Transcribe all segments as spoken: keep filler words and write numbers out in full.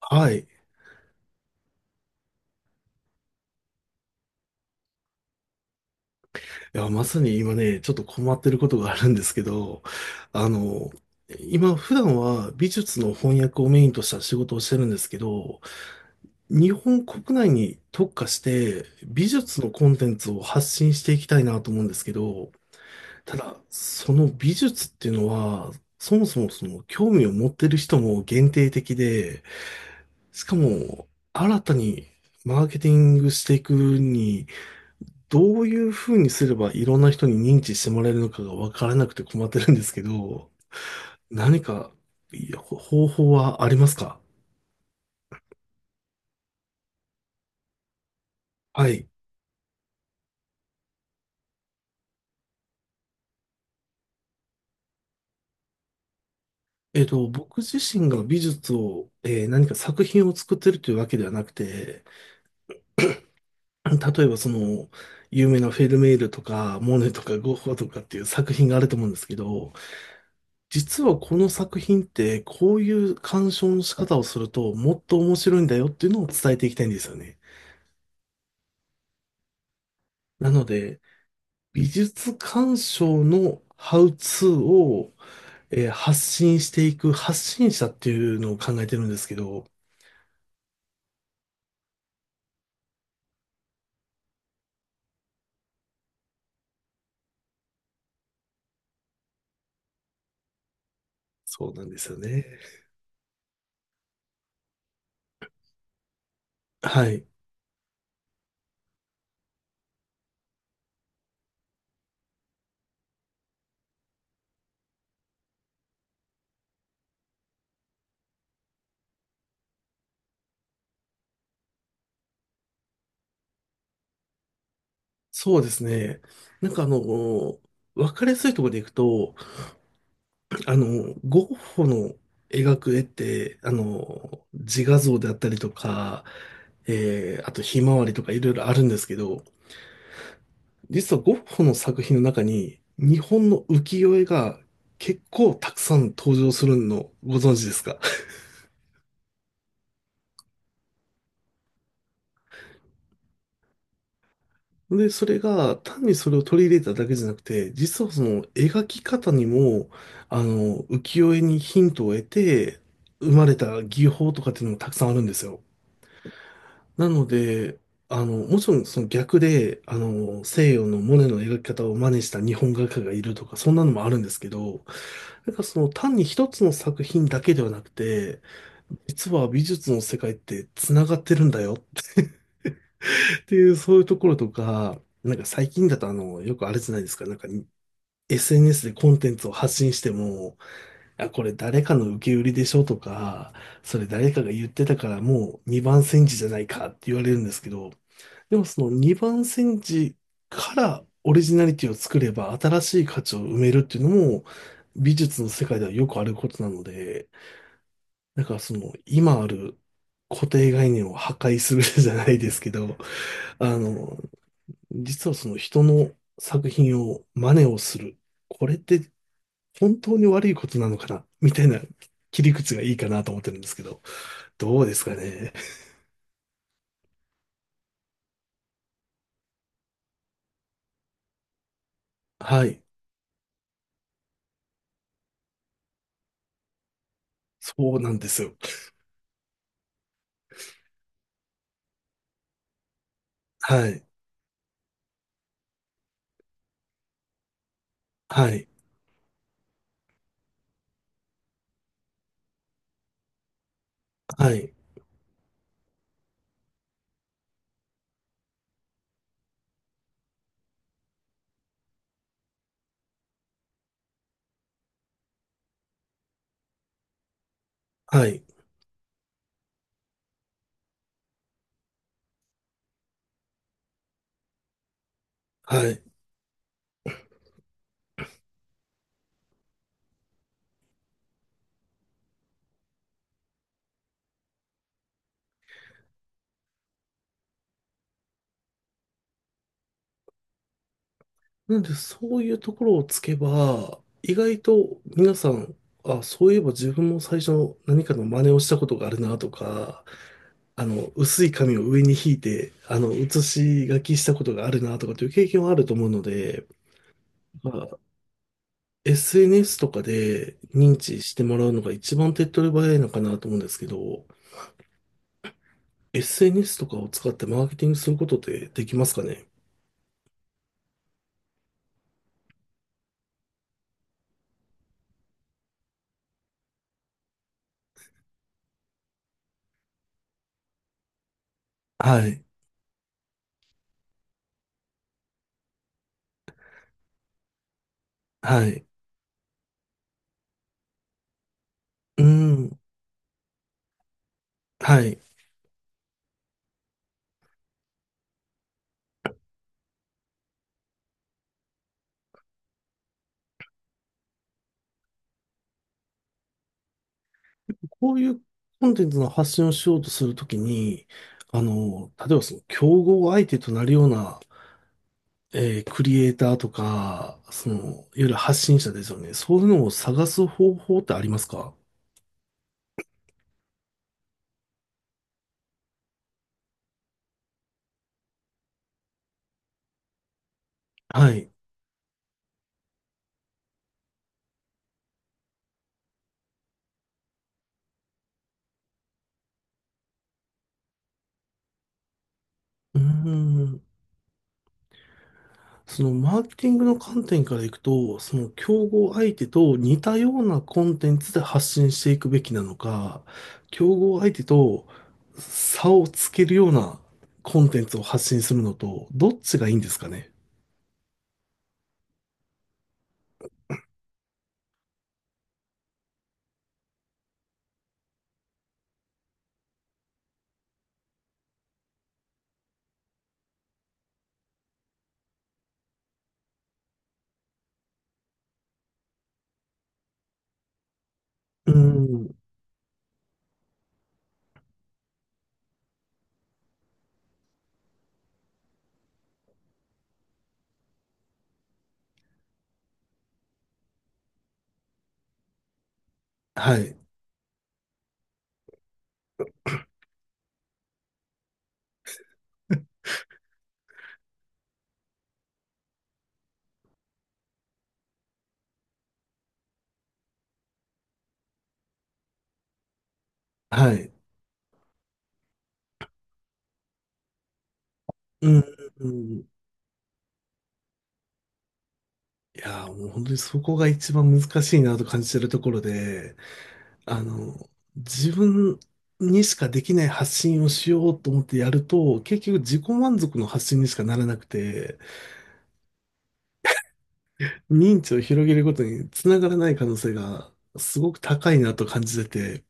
はい。いや、まさに今ね、ちょっと困ってることがあるんですけど、あの、今普段は美術の翻訳をメインとした仕事をしてるんですけど、日本国内に特化して美術のコンテンツを発信していきたいなと思うんですけど、ただ、その美術っていうのは、そもそもその興味を持ってる人も限定的で、しかも新たにマーケティングしていくにどういうふうにすればいろんな人に認知してもらえるのかが分からなくて困ってるんですけど、何かいやほ方法はありますか？はい。えっと、僕自身が美術を、えー何か作品を作ってるというわけではなくて、例えばその、有名なフェルメールとか、モネとかゴッホとかっていう作品があると思うんですけど、実はこの作品ってこういう鑑賞の仕方をするともっと面白いんだよっていうのを伝えていきたいんですよね。なので、美術鑑賞のハウツーを、えー発信していく発信者っていうのを考えてるんですけど、そうなんですよね。はい。そうですね。なんかあの、わかりやすいところでいくと、あの、ゴッホの描く絵って、あの、自画像であったりとか、えーあとひまわりとかいろいろあるんですけど、実はゴッホの作品の中に日本の浮世絵が結構たくさん登場するのをご存知ですか？ で、それが単にそれを取り入れただけじゃなくて、実はその描き方にも、あの、浮世絵にヒントを得て生まれた技法とかっていうのもたくさんあるんですよ。なので、あの、もちろんその逆で、あの、西洋のモネの描き方を真似した日本画家がいるとか、そんなのもあるんですけど、なんからその単に一つの作品だけではなくて、実は美術の世界って繋がってるんだよっていう、そういうところとか、なんか最近だとあの、よくあれじゃないですか、なんか エスエヌエス でコンテンツを発信しても、あ、これ誰かの受け売りでしょとか、それ誰かが言ってたからもう二番煎じじゃないかって言われるんですけど、でもその二番煎じからオリジナリティを作れば新しい価値を埋めるっていうのも、美術の世界ではよくあることなので、なんかその、今ある固定概念を破壊する じゃないですけど、あの、実はその人の作品を真似をする。これって本当に悪いことなのかなみたいな切り口がいいかなと思ってるんですけど、どうですかね。はい。そうなんですよ。はい。はい。はい。はい。はい。なんで、そういうところをつけば、意外と皆さん、あ、そういえば自分も最初何かの真似をしたことがあるなとか、あの、薄い紙を上に引いて、あの、写し書きしたことがあるなとかという経験はあると思うので、まあ、エスエヌエス とかで認知してもらうのが一番手っ取り早いのかなと思うんですけど、エスエヌエス とかを使ってマーケティングすることってできますかね？はい。はい。うん。はい。こういうコンテンツの発信をしようとするときに、あの、例えばその競合相手となるようなえークリエイターとか、その、いわゆる発信者ですよね。そういうのを探す方法ってありますか？はい。うーん。その、マーケティングの観点からいくと、その、競合相手と似たようなコンテンツで発信していくべきなのか、競合相手と差をつけるようなコンテンツを発信するのと、どっちがいいんですかね？うーん。はい。はい。うーん。いやー、もう本当にそこが一番難しいなと感じてるところで、あの、自分にしかできない発信をしようと思ってやると、結局自己満足の発信にしかならなくて、認知を広げることにつながらない可能性がすごく高いなと感じてて、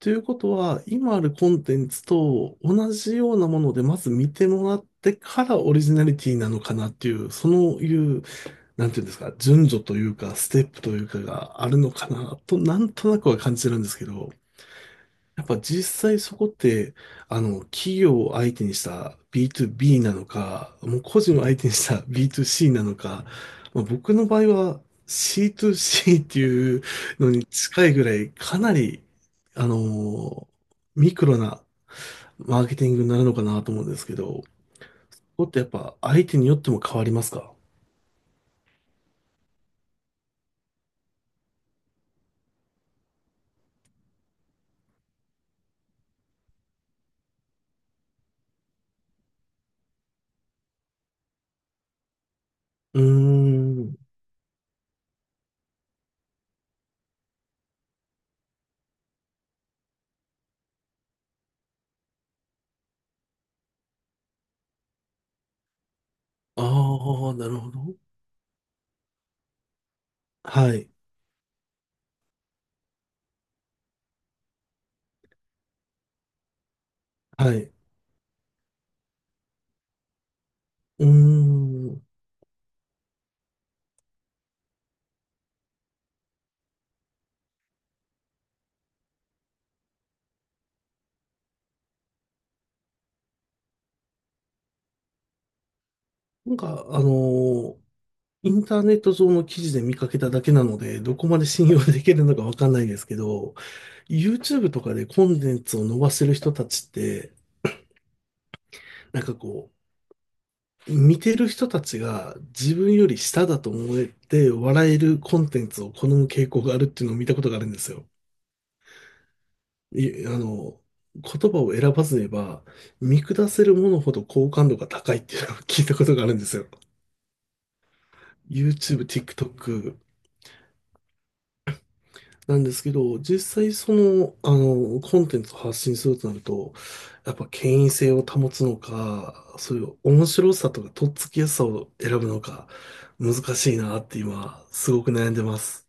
ということは、今あるコンテンツと同じようなものでまず見てもらってからオリジナリティなのかなっていう、そのいうなんていうんですか、順序というか、ステップというかがあるのかなと、なんとなくは感じてるんですけど、やっぱ実際そこって、あの、企業を相手にした ビートゥービー なのか、もう個人を相手にした ビートゥーシー なのか、まあ、僕の場合は シートゥーシー っていうのに近いぐらい、かなり、あの、ミクロなマーケティングになるのかなと思うんですけど、ここってやっぱ相手によっても変わりますか？うーん。ああ、なるほど。はい、はい。うーん。なんか、あのーインターネット上の記事で見かけただけなので、どこまで信用できるのかわかんないですけど、YouTube とかでコンテンツを伸ばせる人たちって、なんかこう、見てる人たちが自分より下だと思えて笑えるコンテンツを好む傾向があるっていうのを見たことがあるんですよ。い、あの、言葉を選ばず言えば、見下せるものほど好感度が高いっていうのを聞いたことがあるんですよ。YouTube、ティックトック なんですけど、実際その、あの、コンテンツを発信するとなると、やっぱ権威性を保つのか、そういう面白さとかとっつきやすさを選ぶのか、難しいなって今、すごく悩んでます。